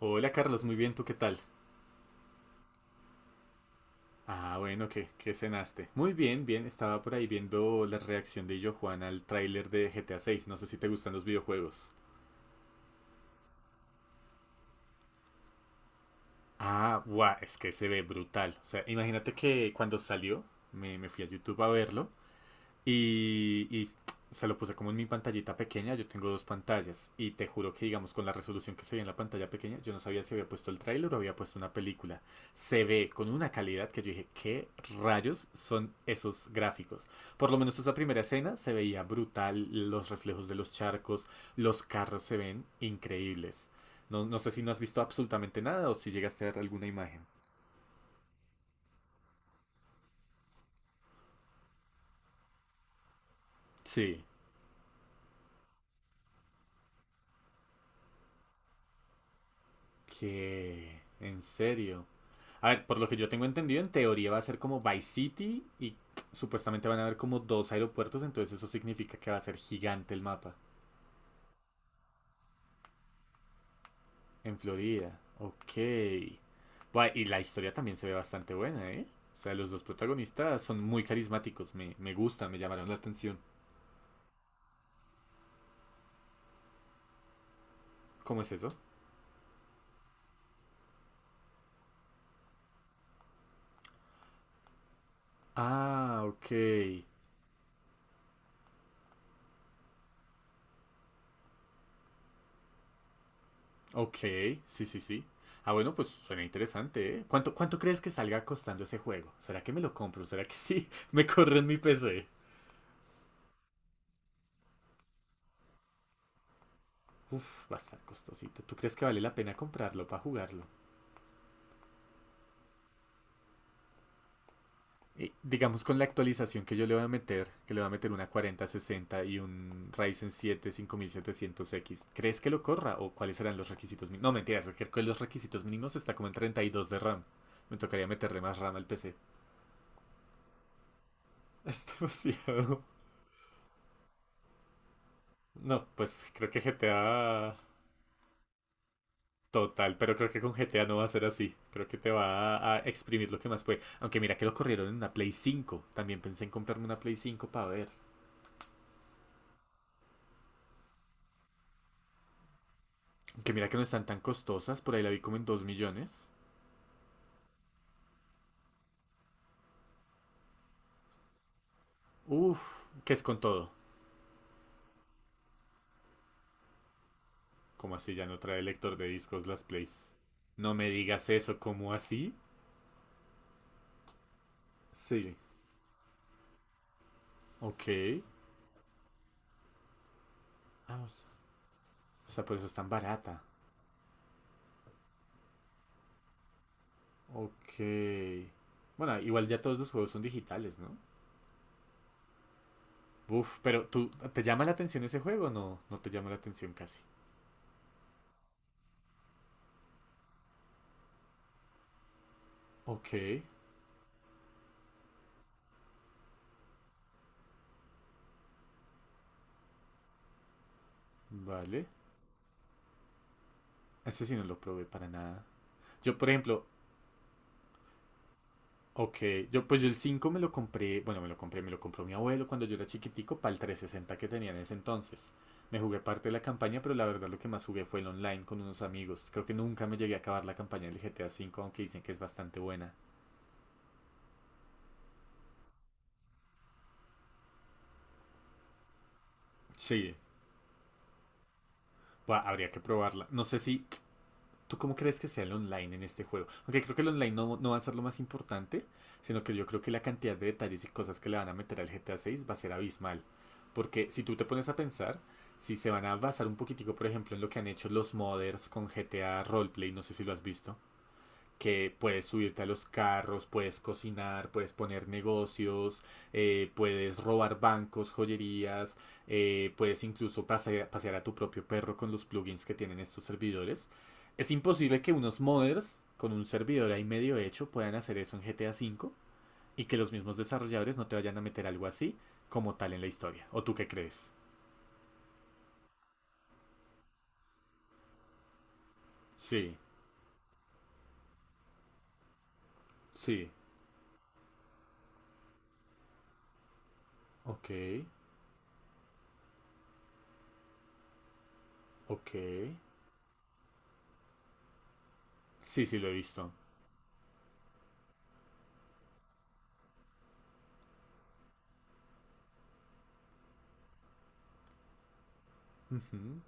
Hola Carlos, muy bien, ¿tú qué tal? Ah, bueno, ¿qué cenaste? Muy bien, bien, estaba por ahí viendo la reacción de Illo Juan al tráiler de GTA 6, no sé si te gustan los videojuegos. Ah, guau, es que se ve brutal. O sea, imagínate que cuando salió, me fui a YouTube a verlo. Y se lo puse como en mi pantallita pequeña, yo tengo dos pantallas y te juro que digamos con la resolución que se ve en la pantalla pequeña, yo no sabía si había puesto el tráiler o había puesto una película. Se ve con una calidad que yo dije, ¿qué rayos son esos gráficos? Por lo menos esa primera escena se veía brutal, los reflejos de los charcos, los carros se ven increíbles. No, no sé si no has visto absolutamente nada o si llegaste a ver alguna imagen. Sí. ¿Qué? En serio. A ver, por lo que yo tengo entendido, en teoría va a ser como Vice City y supuestamente van a haber como dos aeropuertos, entonces eso significa que va a ser gigante el mapa. En Florida. Ok. Buah, y la historia también se ve bastante buena, ¿eh? O sea, los dos protagonistas son muy carismáticos, me gustan, me llamaron la atención. ¿Cómo es eso? Ah, ok. Ok, sí, sí, sí. Ah, bueno, pues suena interesante, ¿eh? ¿Cuánto crees que salga costando ese juego? ¿Será que me lo compro? ¿Será que sí? Me corre en mi PC. Uf, va a estar costosito. ¿Tú crees que vale la pena comprarlo para jugarlo? Y, digamos con la actualización que yo le voy a meter, que le voy a meter una cuarenta, sesenta y un Ryzen siete, cinco mil setecientos x, ¿crees que lo corra o cuáles serán los requisitos mínimos? No, mentiras, es que con los requisitos mínimos está como en 32 de RAM. Me tocaría meterle más RAM al PC. Es demasiado. No, pues creo que GTA total, pero creo que con GTA no va a ser así. Creo que te va a exprimir lo que más puede. Aunque mira que lo corrieron en una Play 5. También pensé en comprarme una Play 5 para ver. Aunque mira que no están tan costosas, por ahí la vi como en 2 millones. Uf, ¿qué es con todo? ¿Cómo así ya no trae lector de discos las Plays? No me digas eso, ¿cómo así? Sí, ok. Vamos. O sea, por eso es tan barata. Ok. Bueno, igual ya todos los juegos son digitales, ¿no? Uf, pero ¿te llama la atención ese juego? No, no te llama la atención casi. Ok, vale. Este sí no lo probé para nada. Yo, por ejemplo, ok, yo pues yo el 5 bueno, me lo compró mi abuelo cuando yo era chiquitico para el 360 que tenía en ese entonces. Me jugué parte de la campaña, pero la verdad lo que más jugué fue el online con unos amigos. Creo que nunca me llegué a acabar la campaña del GTA V, aunque dicen que es bastante buena. Sí, buah, habría que probarla. No sé si. ¿Tú cómo crees que sea el online en este juego? Aunque creo que el online no, no va a ser lo más importante, sino que yo creo que la cantidad de detalles y cosas que le van a meter al GTA 6 va a ser abismal. Porque si tú te pones a pensar, si se van a basar un poquitico, por ejemplo, en lo que han hecho los modders con GTA Roleplay, no sé si lo has visto, que puedes subirte a los carros, puedes cocinar, puedes poner negocios, puedes robar bancos, joyerías, puedes incluso pasear a tu propio perro con los plugins que tienen estos servidores. Es imposible que unos modders con un servidor ahí medio hecho puedan hacer eso en GTA cinco y que los mismos desarrolladores no te vayan a meter algo así como tal en la historia. ¿O tú qué crees? Sí, sí, ok, ok. Sí, sí, lo he visto. Ujú.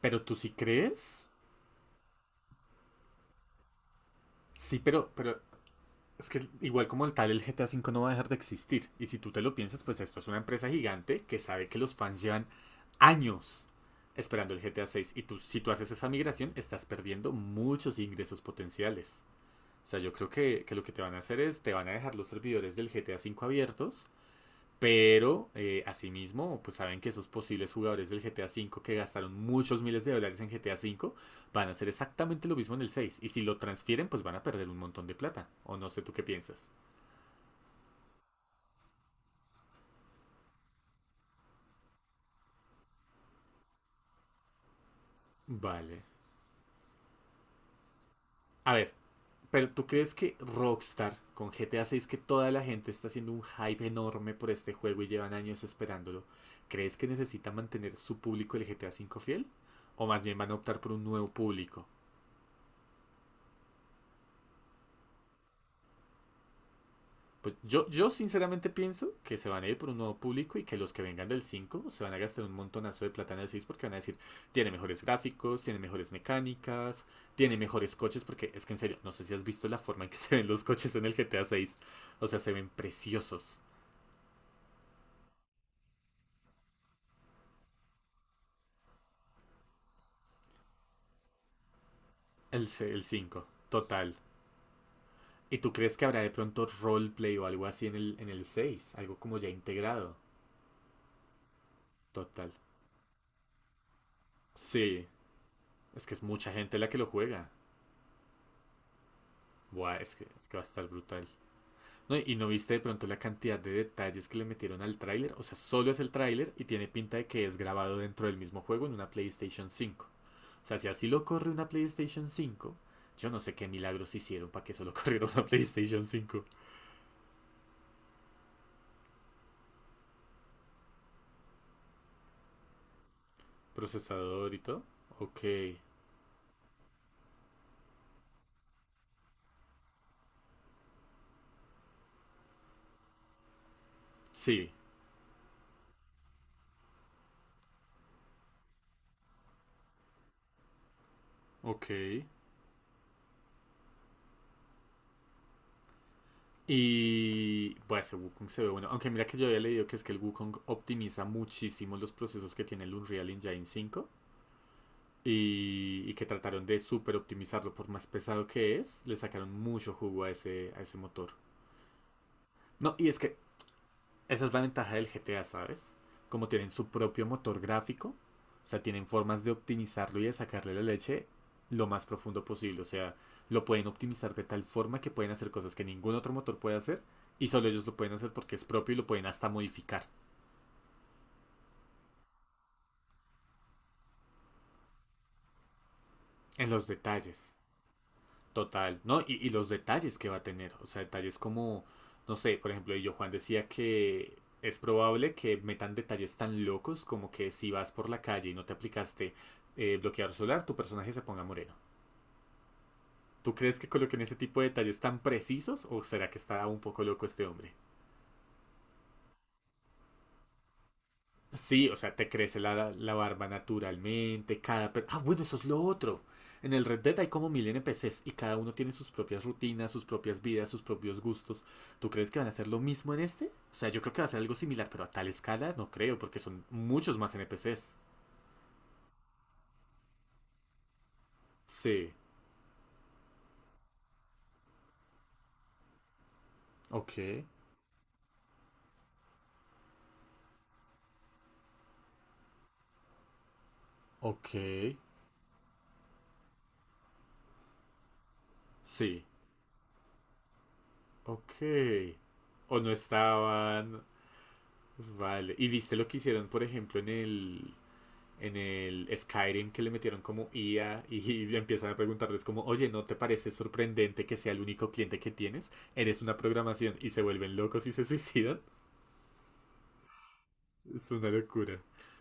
¿Pero tú sí crees? Sí, pero es que igual como el tal, el GTA cinco no va a dejar de existir. Y si tú te lo piensas, pues esto es una empresa gigante que sabe que los fans llevan años esperando el GTA seis. Y tú, si tú haces esa migración, estás perdiendo muchos ingresos potenciales. O sea, yo creo que lo que te van a hacer es, te van a dejar los servidores del GTA cinco abiertos pero, asimismo, pues saben que esos posibles jugadores del GTA V que gastaron muchos miles de dólares en GTA V van a hacer exactamente lo mismo en el 6. Y si lo transfieren, pues van a perder un montón de plata. O no sé tú qué piensas. Vale. A ver, pero ¿tú crees que Rockstar con GTA 6, que toda la gente está haciendo un hype enorme por este juego y llevan años esperándolo, crees que necesita mantener su público el GTA 5 fiel? ¿O más bien van a optar por un nuevo público? Pues yo sinceramente pienso que se van a ir por un nuevo público y que los que vengan del 5 se van a gastar un montonazo de plata en el 6 porque van a decir, tiene mejores gráficos, tiene mejores mecánicas, tiene mejores coches, porque es que en serio, no sé si has visto la forma en que se ven los coches en el GTA 6. O sea, se ven preciosos. El 5 total. ¿Y tú crees que habrá de pronto roleplay o algo así en el seis? Algo como ya integrado. Total. Sí, es que es mucha gente la que lo juega. Buah, es que, va a estar brutal. No, y no viste de pronto la cantidad de detalles que le metieron al tráiler. O sea, solo es el tráiler y tiene pinta de que es grabado dentro del mismo juego en una PlayStation 5. O sea, si así lo corre una PlayStation 5, yo no sé qué milagros hicieron para que solo corriera una PlayStation 5. Procesador y todo. Ok. Sí. Ok. Y bueno ese Wukong se ve bueno. Aunque mira que yo había leído que es que el Wukong optimiza muchísimo los procesos que tiene el Unreal Engine 5. Y que trataron de super optimizarlo por más pesado que es, le sacaron mucho jugo a ese motor. No, y es que esa es la ventaja del GTA, ¿sabes? Como tienen su propio motor gráfico, o sea, tienen formas de optimizarlo y de sacarle la leche lo más profundo posible, o sea, lo pueden optimizar de tal forma que pueden hacer cosas que ningún otro motor puede hacer y solo ellos lo pueden hacer porque es propio y lo pueden hasta modificar en los detalles. Total, ¿no? Y los detalles que va a tener, o sea, detalles como, no sé, por ejemplo, yo Juan decía que es probable que metan detalles tan locos como que si vas por la calle y no te aplicaste bloqueador solar, tu personaje se ponga moreno. ¿Tú crees que coloquen ese tipo de detalles tan precisos o será que está un poco loco este hombre? Sí, o sea, te crece la barba naturalmente, cada. Ah, bueno, eso es lo otro. En el Red Dead hay como mil NPCs y cada uno tiene sus propias rutinas, sus propias vidas, sus propios gustos. ¿Tú crees que van a hacer lo mismo en este? O sea, yo creo que va a ser algo similar, pero a tal escala no creo, porque son muchos más NPCs. Sí, ok, ok, sí, ok. O no estaban. Vale. ¿Y viste lo que hicieron, por ejemplo, en el Skyrim que le metieron como IA y empiezan a preguntarles como, oye, ¿no te parece sorprendente que sea el único cliente que tienes? Eres una programación y se vuelven locos y se suicidan. Es una locura.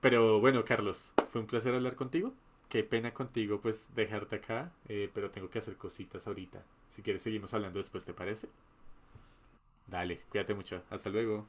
Pero bueno, Carlos, fue un placer hablar contigo. Qué pena contigo pues dejarte acá, pero tengo que hacer cositas ahorita. Si quieres seguimos hablando después, ¿te parece? Dale, cuídate mucho. Hasta luego.